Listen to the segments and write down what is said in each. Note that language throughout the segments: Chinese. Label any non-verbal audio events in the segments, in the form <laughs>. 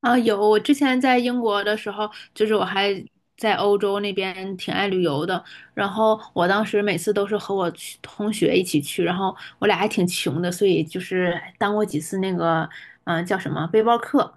啊，有，我之前在英国的时候，就是我还在欧洲那边挺爱旅游的。然后我当时每次都是和我去同学一起去，然后我俩还挺穷的，所以就是当过几次那个，叫什么背包客。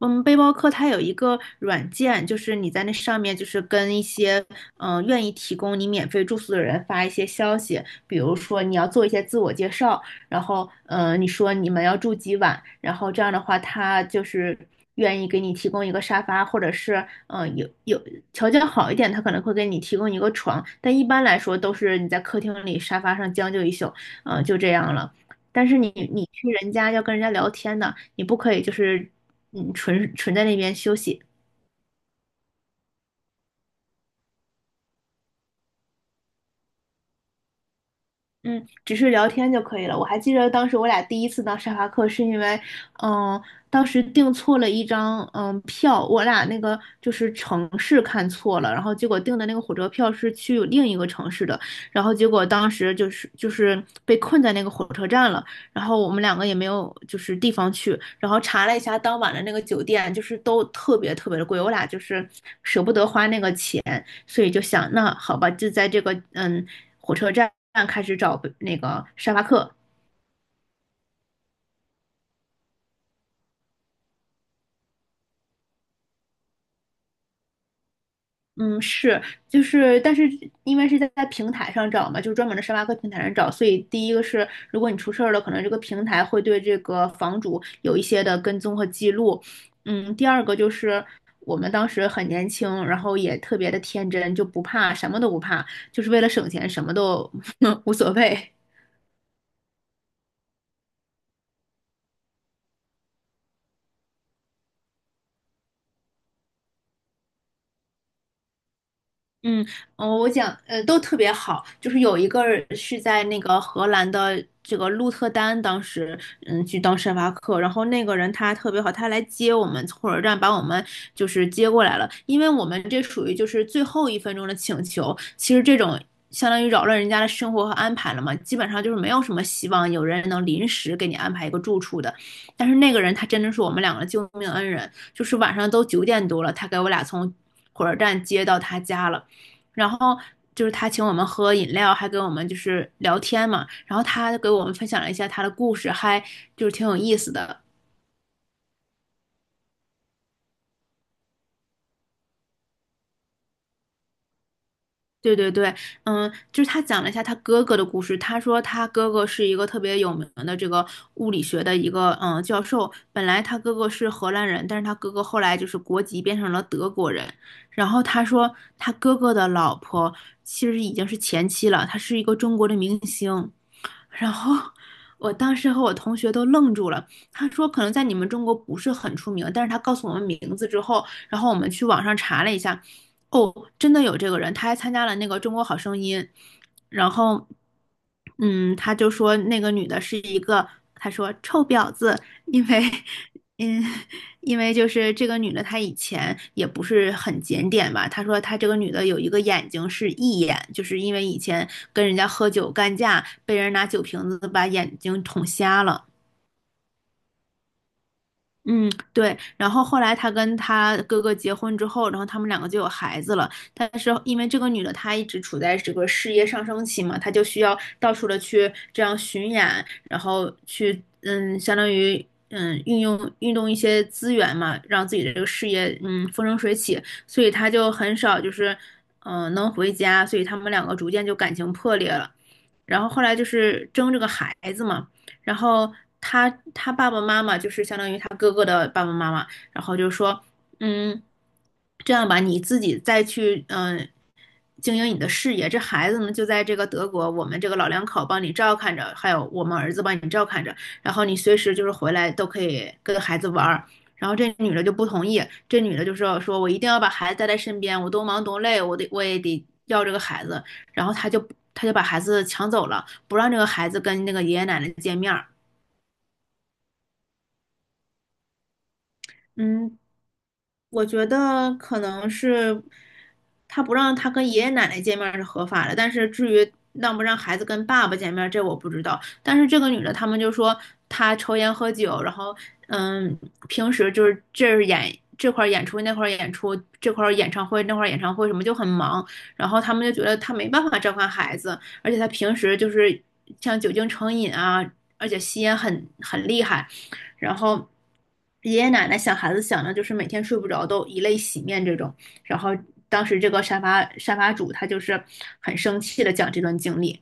嗯，背包客它有一个软件，就是你在那上面，就是跟一些愿意提供你免费住宿的人发一些消息，比如说你要做一些自我介绍，然后你说你们要住几晚，然后这样的话他就是愿意给你提供一个沙发，或者是有条件好一点，他可能会给你提供一个床，但一般来说都是你在客厅里沙发上将就一宿，就这样了。但是你去人家要跟人家聊天的，你不可以就是纯纯在那边休息，嗯，只是聊天就可以了。我还记得当时我俩第一次到沙发客，是因为，嗯，当时订错了一张票，我俩那个就是城市看错了，然后结果订的那个火车票是去另一个城市的，然后结果当时就是被困在那个火车站了，然后我们两个也没有就是地方去，然后查了一下当晚的那个酒店，就是都特别特别的贵，我俩就是舍不得花那个钱，所以就想，那好吧，就在这个火车站开始找那个沙发客。嗯，是，就是，但是因为是在平台上找嘛，就是专门的沙发客平台上找，所以第一个是，如果你出事儿了，可能这个平台会对这个房主有一些的跟踪和记录。第二个就是我们当时很年轻，然后也特别的天真，就不怕，什么都不怕，就是为了省钱，什么都 <laughs> 无所谓。嗯，我讲，都特别好。就是有一个是在那个荷兰的这个鹿特丹，当时去当沙发客，然后那个人他特别好，他来接我们，从火车站把我们就是接过来了。因为我们这属于就是最后一分钟的请求，其实这种相当于扰乱人家的生活和安排了嘛，基本上就是没有什么希望有人能临时给你安排一个住处的。但是那个人他真的是我们两个的救命恩人，就是晚上都9点多了，他给我俩从火车站接到他家了。然后就是他请我们喝饮料，还跟我们就是聊天嘛。然后他给我们分享了一下他的故事，还就是挺有意思的。对对对，就是他讲了一下他哥哥的故事。他说他哥哥是一个特别有名的这个物理学的一个教授。本来他哥哥是荷兰人，但是他哥哥后来就是国籍变成了德国人。然后他说他哥哥的老婆其实已经是前妻了，她是一个中国的明星。然后我当时和我同学都愣住了。他说可能在你们中国不是很出名，但是他告诉我们名字之后，然后我们去网上查了一下，哦，真的有这个人，他还参加了那个《中国好声音》，然后，他就说那个女的是一个，他说臭婊子，因为嗯，<laughs> 因为就是这个女的，她以前也不是很检点吧。她说她这个女的有一个眼睛是异眼，就是因为以前跟人家喝酒干架，被人拿酒瓶子把眼睛捅瞎了。嗯，对。然后后来她跟她哥哥结婚之后，然后他们两个就有孩子了。但是因为这个女的她一直处在这个事业上升期嘛，她就需要到处的去这样巡演，然后去相当于运动一些资源嘛，让自己的这个事业风生水起。所以她就很少就是能回家，所以他们两个逐渐就感情破裂了。然后后来就是争这个孩子嘛，然后她就是相当于他哥哥的爸爸妈妈，然后就说，嗯，这样吧，你自己再去经营你的事业，这孩子呢就在这个德国，我们这个老两口帮你照看着，还有我们儿子帮你照看着，然后你随时就是回来都可以跟孩子玩儿。然后这女的就不同意，这女的就说我一定要把孩子带在身边，我多忙多累，我也得要这个孩子。然后他就把孩子抢走了，不让这个孩子跟那个爷爷奶奶见面。嗯，我觉得可能是他不让他跟爷爷奶奶见面儿是合法的，但是至于让不让孩子跟爸爸见面儿，这我不知道。但是这个女的，他们就说她抽烟喝酒，然后嗯，平时就是这儿演这块儿演出那块儿演出，这块儿演唱会那块儿演唱会什么就很忙，然后他们就觉得她没办法照看孩子，而且她平时就是像酒精成瘾啊，而且吸烟很厉害。然后爷爷奶奶想孩子想的就是每天睡不着都以泪洗面这种。然后当时这个沙发主他就是很生气的讲这段经历，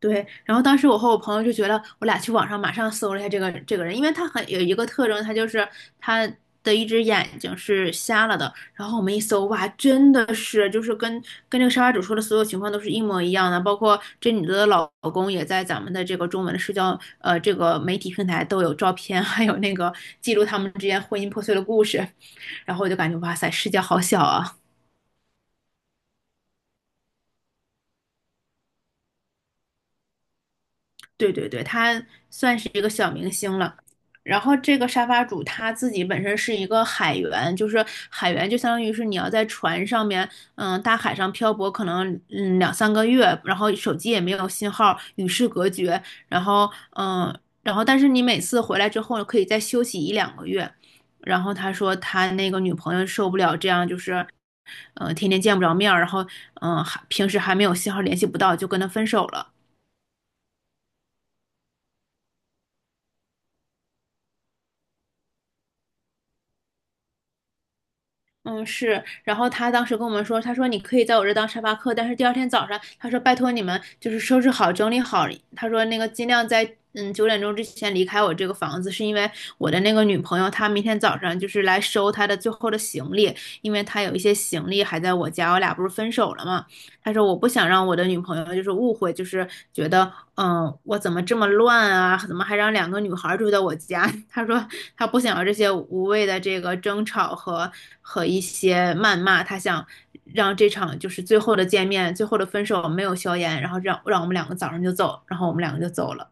对，然后当时我和我朋友就觉得，我俩去网上马上搜了一下这个人，因为他很有一个特征，他就是他的一只眼睛是瞎了的。然后我们一搜，哇，真的是就是跟这个沙发主说的所有情况都是一模一样的，包括这女的老公也在咱们的这个中文的社交这个媒体平台都有照片，还有那个记录他们之间婚姻破碎的故事。<laughs> 然后我就感觉哇塞，世界好小啊！对对对，他算是一个小明星了。然后这个沙发主他自己本身是一个海员，就是海员就相当于是你要在船上面，大海上漂泊，可能两三个月，然后手机也没有信号，与世隔绝，然后嗯，然后但是你每次回来之后可以再休息一两个月。然后他说他那个女朋友受不了这样，就是天天见不着面儿，然后还平时还没有信号联系不到，就跟他分手了。嗯，是。然后他当时跟我们说，他说你可以在我这当沙发客，但是第二天早上，他说拜托你们就是收拾好、整理好。他说那个尽量在9点钟之前离开我这个房子，是因为我的那个女朋友她明天早上就是来收她的最后的行李，因为她有一些行李还在我家，我俩不是分手了嘛。他说我不想让我的女朋友就是误会，就是觉得我怎么这么乱啊，怎么还让两个女孩住在我家？<laughs> 他说他不想要这些无谓的这个争吵和一些谩骂，他想让这场就是最后的见面、最后的分手没有硝烟，然后让我们两个早上就走，然后我们两个就走了。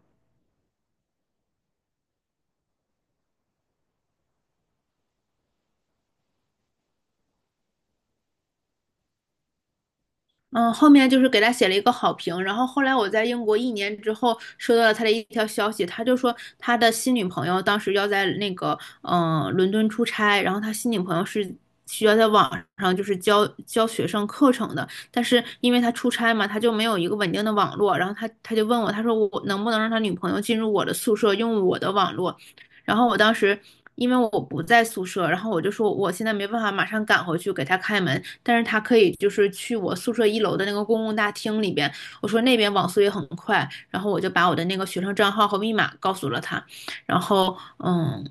嗯，后面就是给他写了一个好评，然后后来我在英国一年之后收到了他的一条消息，他就说他的新女朋友当时要在那个伦敦出差，然后他新女朋友是需要在网上就是教教学生课程的，但是因为他出差嘛，他就没有一个稳定的网络，然后他就问我，他说我能不能让他女朋友进入我的宿舍用我的网络，然后我当时因为我不在宿舍，然后我就说我现在没办法马上赶回去给他开门，但是他可以就是去我宿舍一楼的那个公共大厅里边，我说那边网速也很快，然后我就把我的那个学生账号和密码告诉了他，然后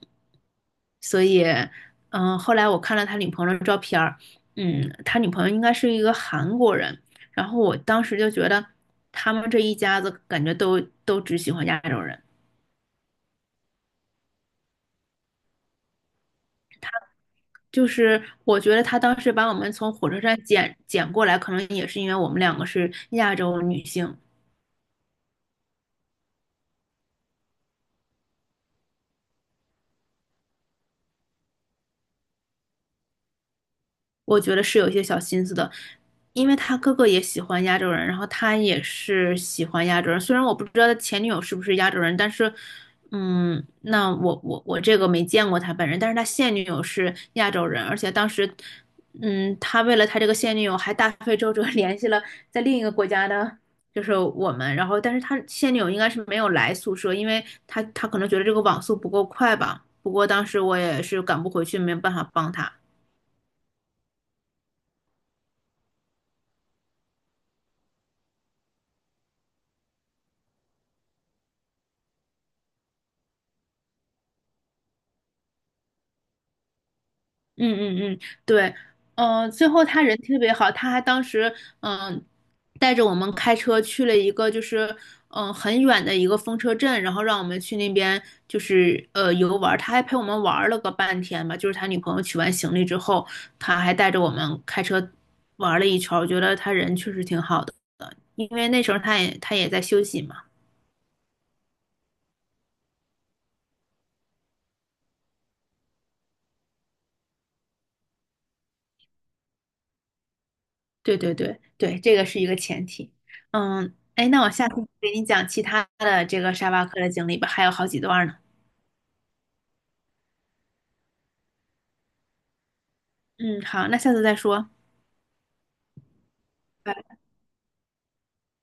所以后来我看了他女朋友的照片儿，他女朋友应该是一个韩国人，然后我当时就觉得他们这一家子感觉都只喜欢亚洲人。就是我觉得他当时把我们从火车站捡捡过来，可能也是因为我们两个是亚洲女性，我觉得是有一些小心思的，因为他哥哥也喜欢亚洲人，然后他也是喜欢亚洲人。虽然我不知道他前女友是不是亚洲人，但是，那我这个没见过他本人，但是他现女友是亚洲人，而且当时，他为了他这个现女友还大费周折 <laughs> 联系了在另一个国家的，就是我们，然后但是他现女友应该是没有来宿舍，因为他可能觉得这个网速不够快吧。不过当时我也是赶不回去，没有办法帮他。嗯嗯嗯，对，最后他人特别好，他还当时嗯、呃带着我们开车去了一个就是很远的一个风车镇，然后让我们去那边就是游玩儿。他还陪我们玩儿了个半天吧，就是他女朋友取完行李之后，他还带着我们开车玩儿了一圈儿。我觉得他人确实挺好的，因为那时候他也在休息嘛。对对对对，这个是一个前提。嗯，哎，那我下次给你讲其他的这个沙巴克的经历吧，还有好几段呢。嗯，好，那下次再说。拜拜。